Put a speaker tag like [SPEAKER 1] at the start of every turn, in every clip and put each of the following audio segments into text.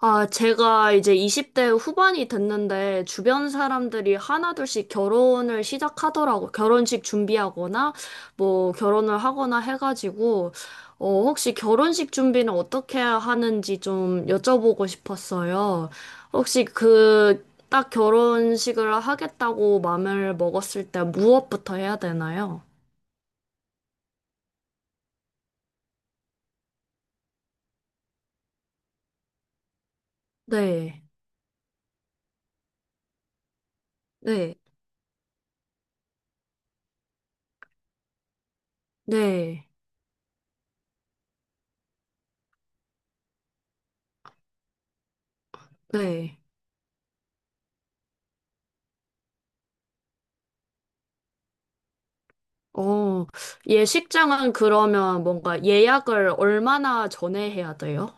[SPEAKER 1] 아, 제가 이제 20대 후반이 됐는데 주변 사람들이 하나둘씩 결혼을 시작하더라고. 결혼식 준비하거나 뭐 결혼을 하거나 해가지고 혹시 결혼식 준비는 어떻게 하는지 좀 여쭤보고 싶었어요. 혹시 그 딱 결혼식을 하겠다고 마음을 먹었을 때 무엇부터 해야 되나요? 네. 네. 네. 네. 어, 예식장은 그러면 뭔가 예약을 얼마나 전에 해야 돼요?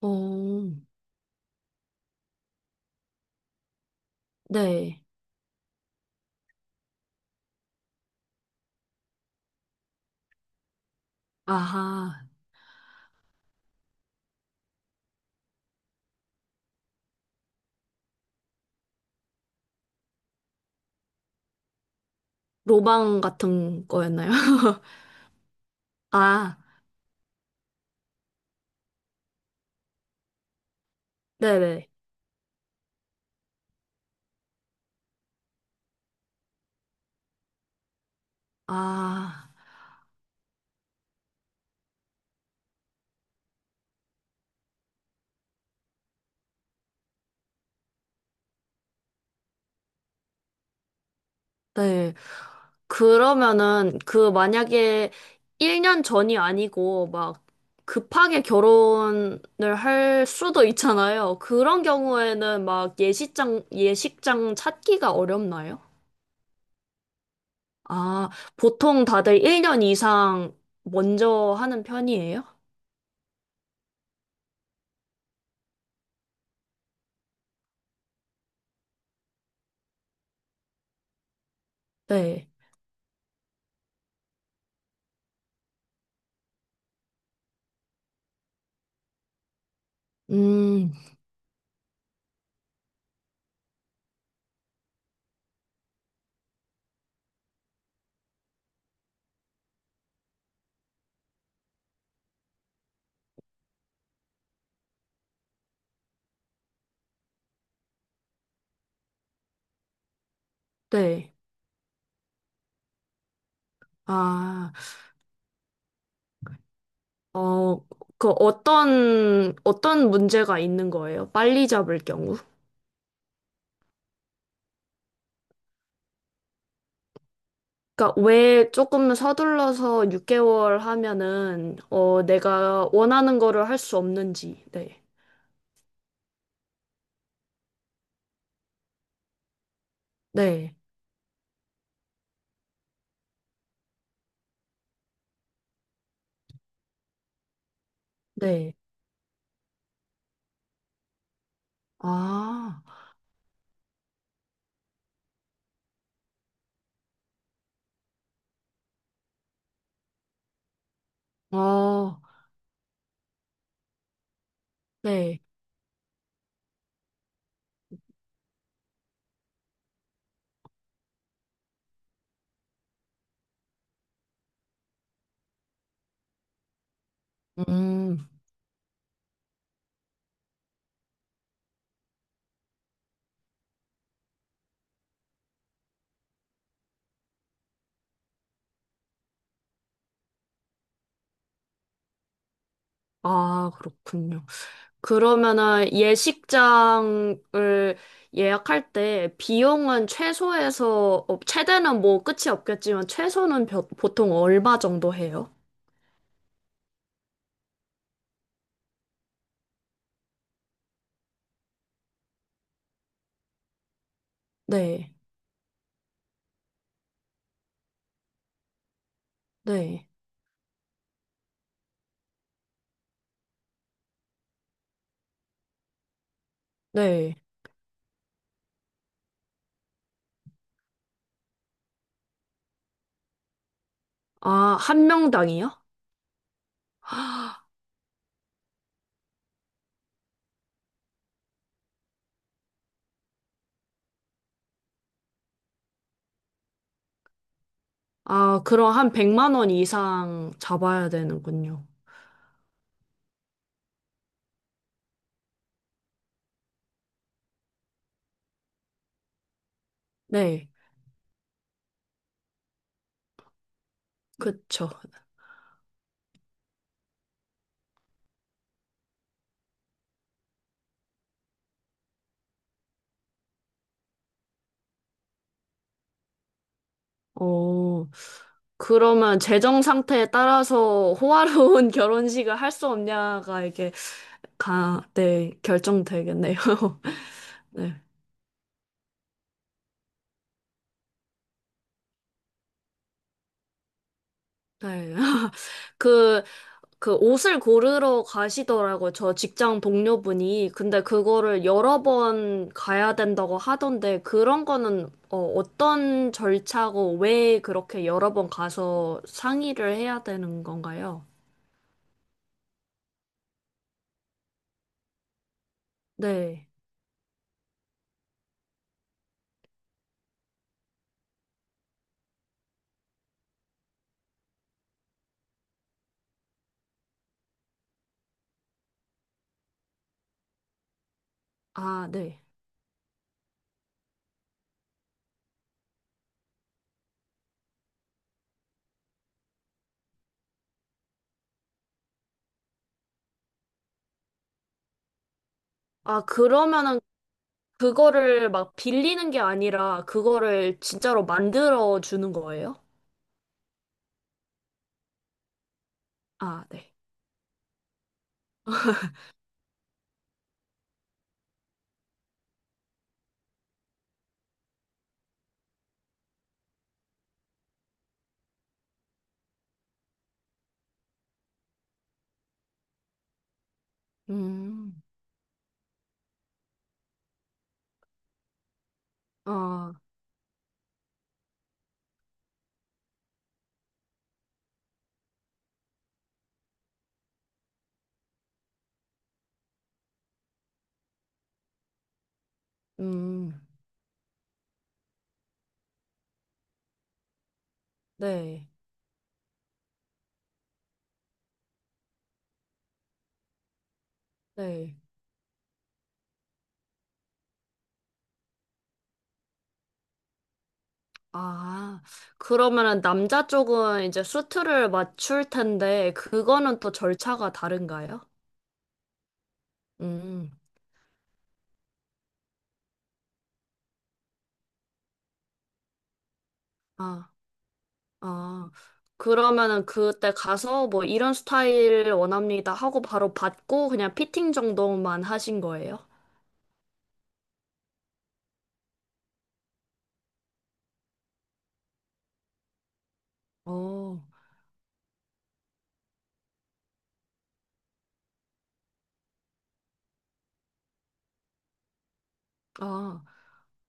[SPEAKER 1] 어, 네. 아하, 로망 같은 거였나요? 아, 네네. 아, 네. 그러면은 그 만약에 1년 전이 아니고 막 급하게 결혼을 할 수도 있잖아요. 그런 경우에는 막 예식장 찾기가 어렵나요? 아, 보통 다들 1년 이상 먼저 하는 편이에요? 네. 음, 네. 아, 어, 그 어떤 문제가 있는 거예요? 빨리 잡을 경우? 그러니까 왜 조금 서둘러서 6개월 하면은, 어, 내가 원하는 거를 할 수 없는지. 네. 네. 네. 아, 아, 네. 음, 아, 그렇군요. 그러면은 예식장을 예약할 때 비용은 최소에서, 어, 최대는 뭐 끝이 없겠지만 최소는 보통 얼마 정도 해요? 네, 네, 네. 아, 한 명당이요? 아, 그럼 한 100만 원 이상 잡아야 되는군요. 네, 그쵸. 어, 그러면 재정 상태에 따라서 호화로운 결혼식을 할 수 없냐가 이게 가, 네, 결정되겠네요. 네. 네. 그, 그 옷을 고르러 가시더라고요. 저 직장 동료분이. 근데 그거를 여러 번 가야 된다고 하던데, 그런 거는 어떤 절차고 왜 그렇게 여러 번 가서 상의를 해야 되는 건가요? 네. 아, 네. 아, 그러면은 그거를 막 빌리는 게 아니라 그거를 진짜로 만들어 주는 거예요? 아, 네. 음. 아, 음. 네. 네. 아, 그러면은 남자 쪽은 이제 수트를 맞출 텐데 그거는 또 절차가 다른가요? 음. 아, 아. 그러면은 그때 가서 뭐 이런 스타일 원합니다 하고 바로 받고 그냥 피팅 정도만 하신 거예요? 어. 아.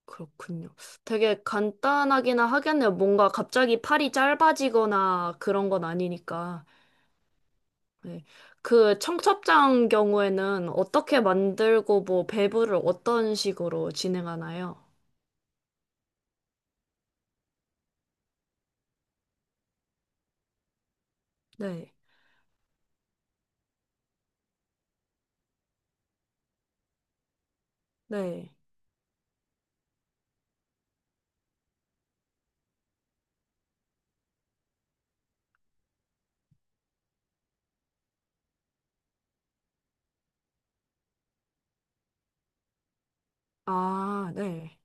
[SPEAKER 1] 그렇군요. 되게 간단하기는 하겠네요. 뭔가 갑자기 팔이 짧아지거나 그런 건 아니니까. 네. 그 청첩장 경우에는 어떻게 만들고 뭐 배부를 어떤 식으로 진행하나요? 네, 네. 아, 네,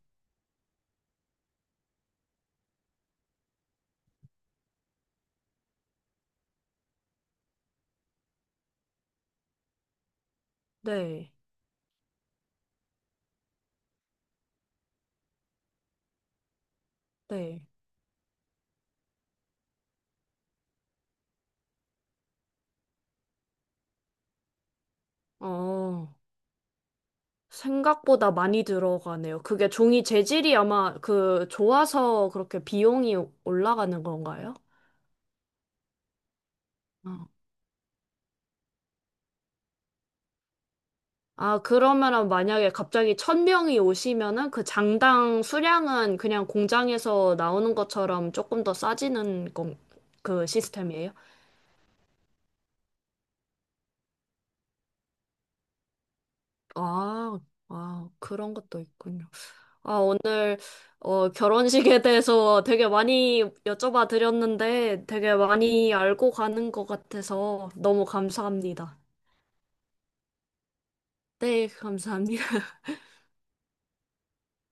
[SPEAKER 1] 네, 네. 어, 생각보다 많이 들어가네요. 그게 종이 재질이 아마 그 좋아서 그렇게 비용이 올라가는 건가요? 어. 아, 그러면은 만약에 갑자기 천 명이 오시면은 그 장당 수량은 그냥 공장에서 나오는 것처럼 조금 더 싸지는 건, 그 시스템이에요? 아, 아, 그런 것도 있군요. 오늘 결혼식에 대해서 되게 많이 여쭤봐 드렸는데 되게 많이 알고 가는 것 같아서 너무 감사합니다. 네, 감사합니다.